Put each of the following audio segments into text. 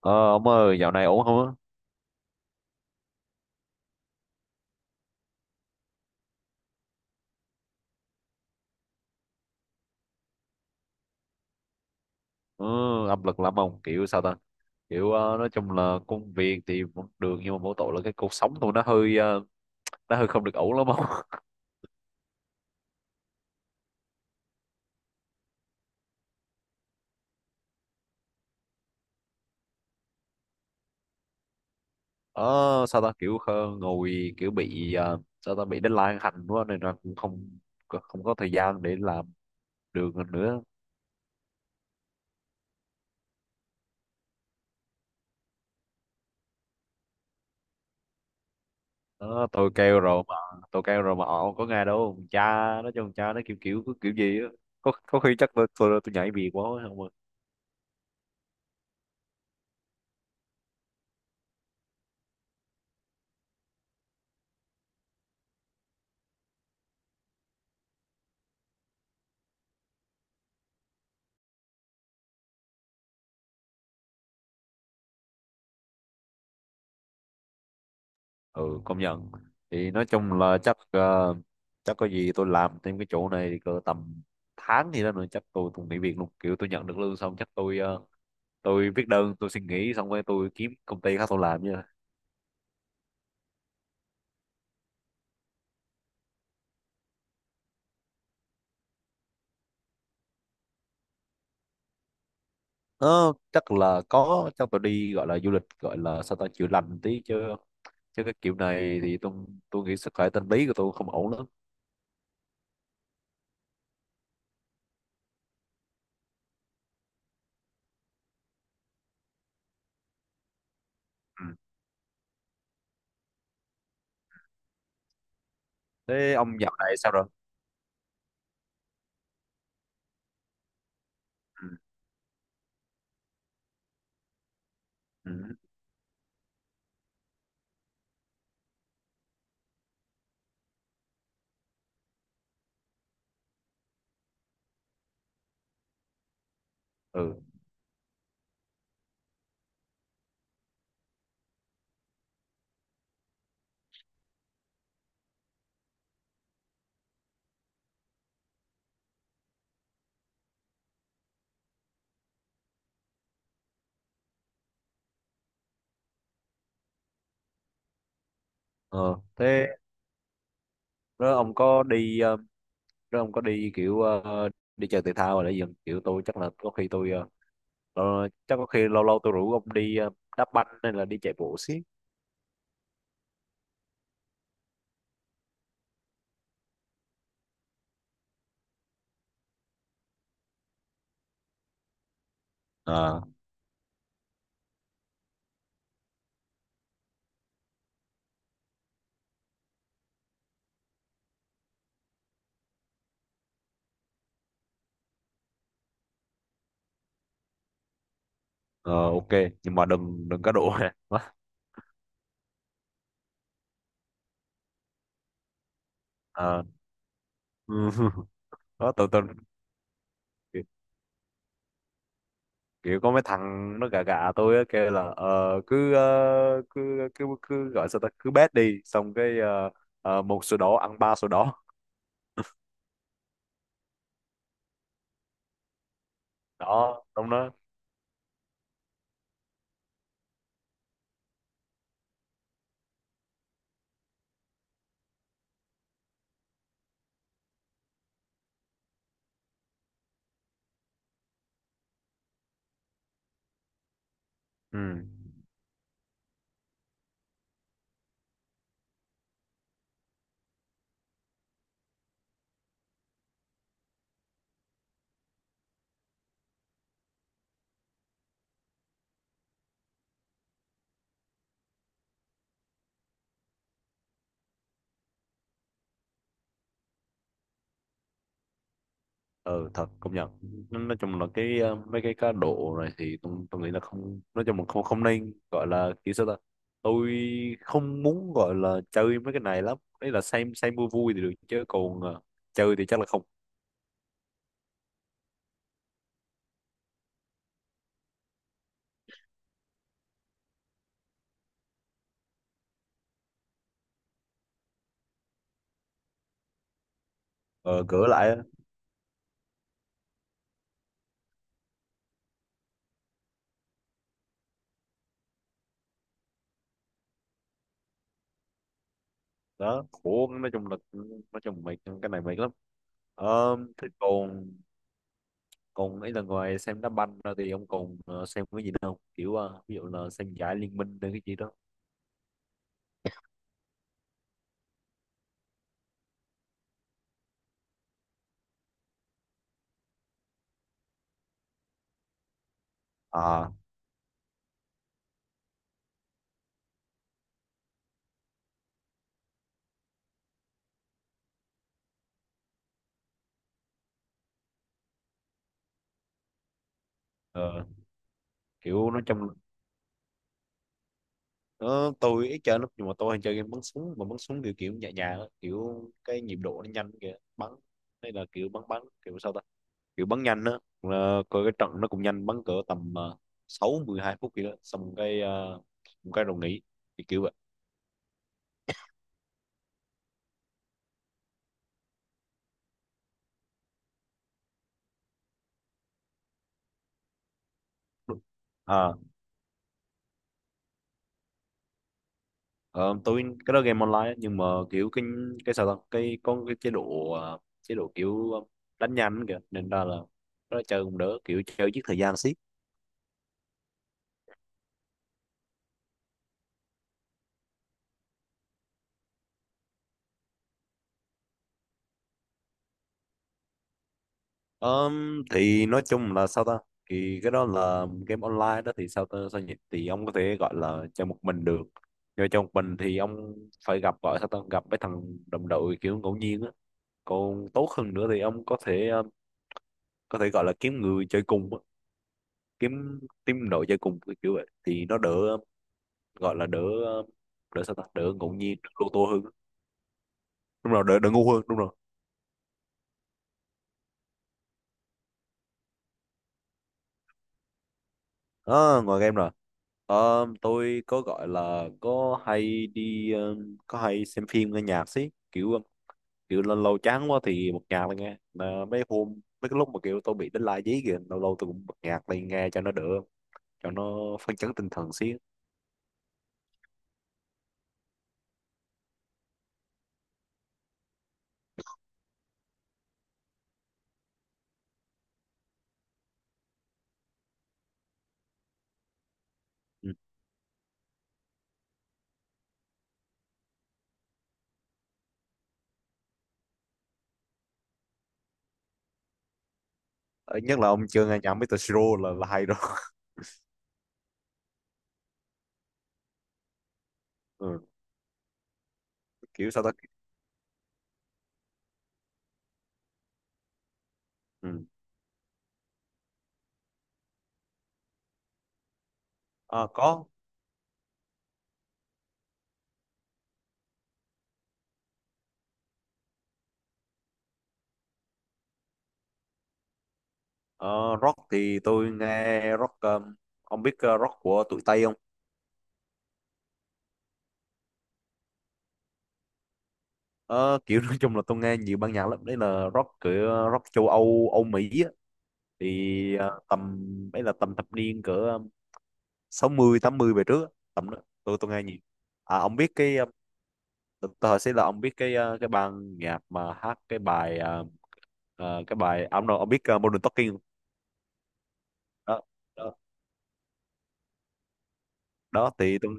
Ờ, ông ơi, dạo này ổn không á? Ừ, áp lực lắm ông, kiểu sao ta? Kiểu nói chung là công việc thì vẫn được, nhưng mà mỗi tội là cái cuộc sống của nó hơi nó hơi không được ổn lắm ông. Ờ, Sao ta, kiểu ngồi kiểu bị sao ta, bị deadline hành quá nên là cũng không không có thời gian để làm được nữa. Ờ, tôi kêu rồi mà họ không có nghe đâu. Cha nó cho cha nó kiểu kiểu kiểu gì á. Có khi chắc tôi nhảy việc quá không ạ? Ừ, công nhận. Thì nói chung là chắc chắc có gì tôi làm thêm cái chỗ này cỡ tầm tháng gì đó nữa, chắc tôi cũng nghỉ việc luôn. Kiểu tôi nhận được lương xong chắc tôi tôi viết đơn, tôi xin nghỉ, xong rồi tôi kiếm công ty khác tôi làm nha. Ờ, chắc là có. Chắc tôi đi, gọi là du lịch, gọi là sao ta, chữa lành tí. Chứ chứ cái kiểu này thì tôi nghĩ sức khỏe tâm lý của tôi không ổn lắm. Ừ. Thế ông dạo này sao rồi? Ừ. Ừ. Ừ. Ờ, thế đó, ông có đi nếu ông có đi kiểu đi chơi thể thao hay là gì không? Kiểu tôi chắc là có khi tôi chắc có khi lâu lâu tôi rủ ông đi đá banh hay là đi chạy bộ xí. Ờ. Ờ, ok, nhưng mà đừng đừng cá độ ha. Quá. Ờ, ừ. Đó tôi kiểu, kiểu có mấy thằng nó gà gà tôi á, kêu là cứ, cứ gọi sao ta, cứ bet đi. Xong cái một sổ đỏ ăn ba sổ đỏ. Đó đúng đó. Ừ. Ờ, thật công nhận. Nói chung là cái mấy cái cá độ này thì tôi nghĩ là không. Nói chung là không không nên, gọi là kiểu sao ta, tôi không muốn gọi là chơi mấy cái này lắm. Đấy là xem vui vui thì được, chứ còn chơi thì chắc là không. Ờ, cửa lại á. Đó khổ, nói chung là nói chung mệt. Cái này mệt lắm. Ờ, thế còn còn ấy là ngoài xem đá banh ra thì ông còn xem cái gì nữa không? Kiểu ví dụ là xem giải liên minh hay cái gì đó. À. Ờ, kiểu nói chung. Ờ, tôi ít chơi lắm, nhưng mà tôi hay chơi game bắn súng. Mà bắn súng kiểu kiểu nhẹ nhàng á, kiểu cái nhịp độ nó nhanh kìa, bắn. Hay là kiểu bắn bắn kiểu sao ta, kiểu bắn nhanh á. Ờ, coi cái trận nó cũng nhanh. Bắn cỡ tầm sáu mười hai phút kìa, đó xong cái một cái rồi nghỉ. Thì kiểu vậy. À. Ờ, tôi cái đó game online á, nhưng mà kiểu cái sao ta, cái có cái chế độ chế độ kiểu đánh nhanh kìa, nên ra là nó chơi cũng đỡ, kiểu chơi giết thời gian xí. Thì nói chung là sao ta, thì cái đó là game online đó. Thì sao ta, sao nhỉ, thì ông có thể gọi là chơi một mình được. Nhưng chơi một mình thì ông phải gặp, gọi sao ta, gặp mấy thằng đồng đội kiểu ngẫu nhiên á. Còn tốt hơn nữa thì ông có thể có thể gọi là kiếm người chơi cùng á. kiếm team đội chơi cùng kiểu kiểu vậy thì nó đỡ gọi là đỡ ờ, đỡ sao ta, đỡ ngẫu nhiên, đỡ lô tô hơn. Đúng rồi, đỡ đỡ ngu hơn, đúng rồi. Đó ngoài game rồi. Ờ, tôi có gọi là có hay đi có hay xem phim, nghe nhạc xí. Kiểu kiểu lâu lâu chán quá thì bật nhạc lên nghe. Mà mấy hôm, mấy cái lúc mà kiểu tôi bị đánh lai dí kìa, lâu lâu tôi cũng bật nhạc lên nghe cho nó đỡ, cho nó phấn chấn tinh thần xí. Ừ. Ờ, nhất là ông chưa nghe nhạc Mr. Siro là hay rồi. Ừ. Kiểu sao ta. Ừ. Ờ, có. Ờ, rock thì tôi nghe rock. Ờ, ông biết rock của tụi Tây không? Ờ, kiểu nói chung là tôi nghe nhiều ban nhạc lắm. Đấy là rock, cửa rock châu Âu, Âu Mỹ á. Thì tầm, ấy là tầm thập niên cỡ sáu mươi tám mươi về trước á. Tầm đó tôi nghe nhiều. À ông biết cái ờ, tôi hỏi sẽ là ông biết cái cái ban nhạc mà hát cái bài cái bài, à ông, ông biết Modern Talking không? Đó đó đó. Thì tôi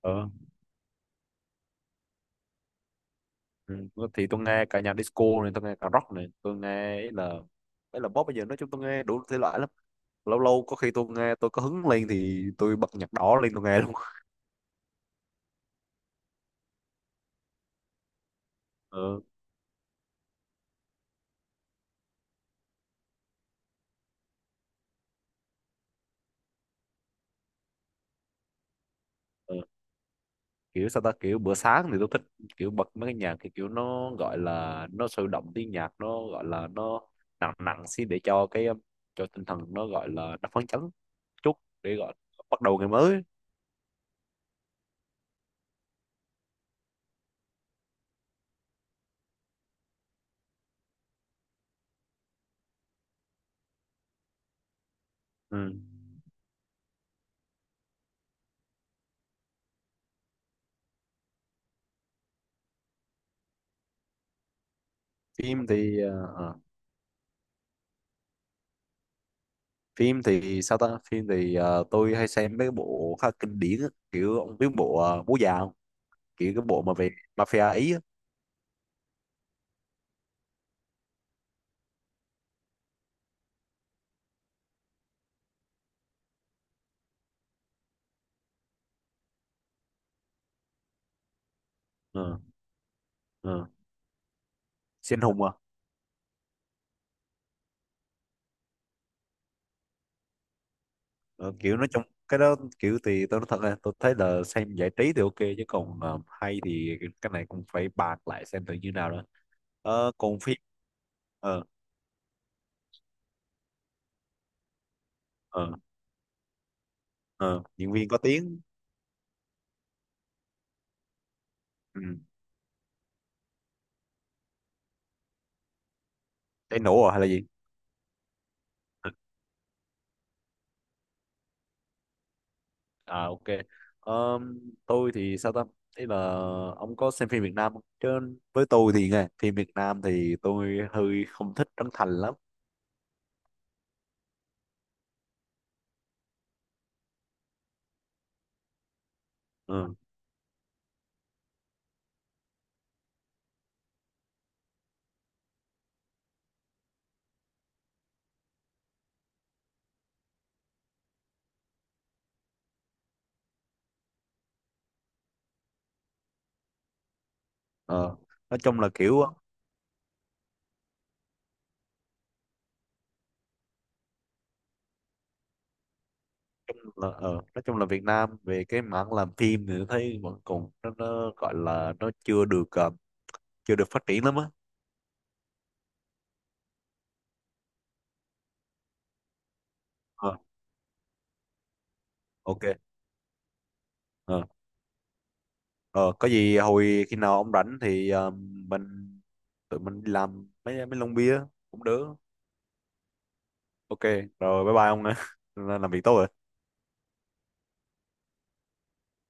ờ, ừ, thì tôi nghe cả nhạc disco này, tôi nghe cả rock này, tôi nghe, ấy là pop. Bây giờ nói chung tôi nghe đủ thể loại lắm. Lâu lâu có khi tôi nghe, tôi có hứng lên thì tôi bật nhạc đỏ lên tôi nghe luôn. Ừ. Ừ. Kiểu sao ta, kiểu bữa sáng thì tôi thích, kiểu bật mấy cái nhạc thì kiểu nó gọi là nó sôi động, tiếng nhạc nó gọi là nó nặng nặng xin, để cho cái cho tinh thần nó gọi là nó phấn chấn chút để gọi bắt đầu ngày mới. Ừ. Phim thì phim thì sao ta, phim thì tôi hay xem mấy cái bộ khá kinh điển á. Kiểu ông biết bộ bố già không? Kiểu cái bộ mà về mafia ý á. Ừ. Ừ. Siêu hùng à. Ờ, kiểu nói trong cái đó, kiểu thì tôi nói thật là tôi thấy là xem giải trí thì ok, chứ còn hay thì cái này cũng phải bàn lại xem thử như nào đó. Ờ, còn phim. Ờ. Ờ. Ờ, diễn viên có tiếng. Ừ. Cháy nổ rồi hay là gì. Ừ, à ok. Ờ, tôi thì sao ta, ý là ông có xem phim Việt Nam không chứ? Với tôi thì nghe phim Việt Nam thì tôi hơi không thích Trấn Thành lắm. Ừ. Ờ. Nói chung là ờ, nói chung là Việt Nam về cái mảng làm phim thì tôi thấy vẫn còn nó gọi là nó chưa được chưa được phát triển lắm á. Ờ, ok. Ờ, ờ, có gì hồi khi nào ông rảnh thì ờ, mình tụi mình đi làm mấy mấy lon bia cũng được. Ok rồi, bye bye ông ạ. Làm việc tốt rồi.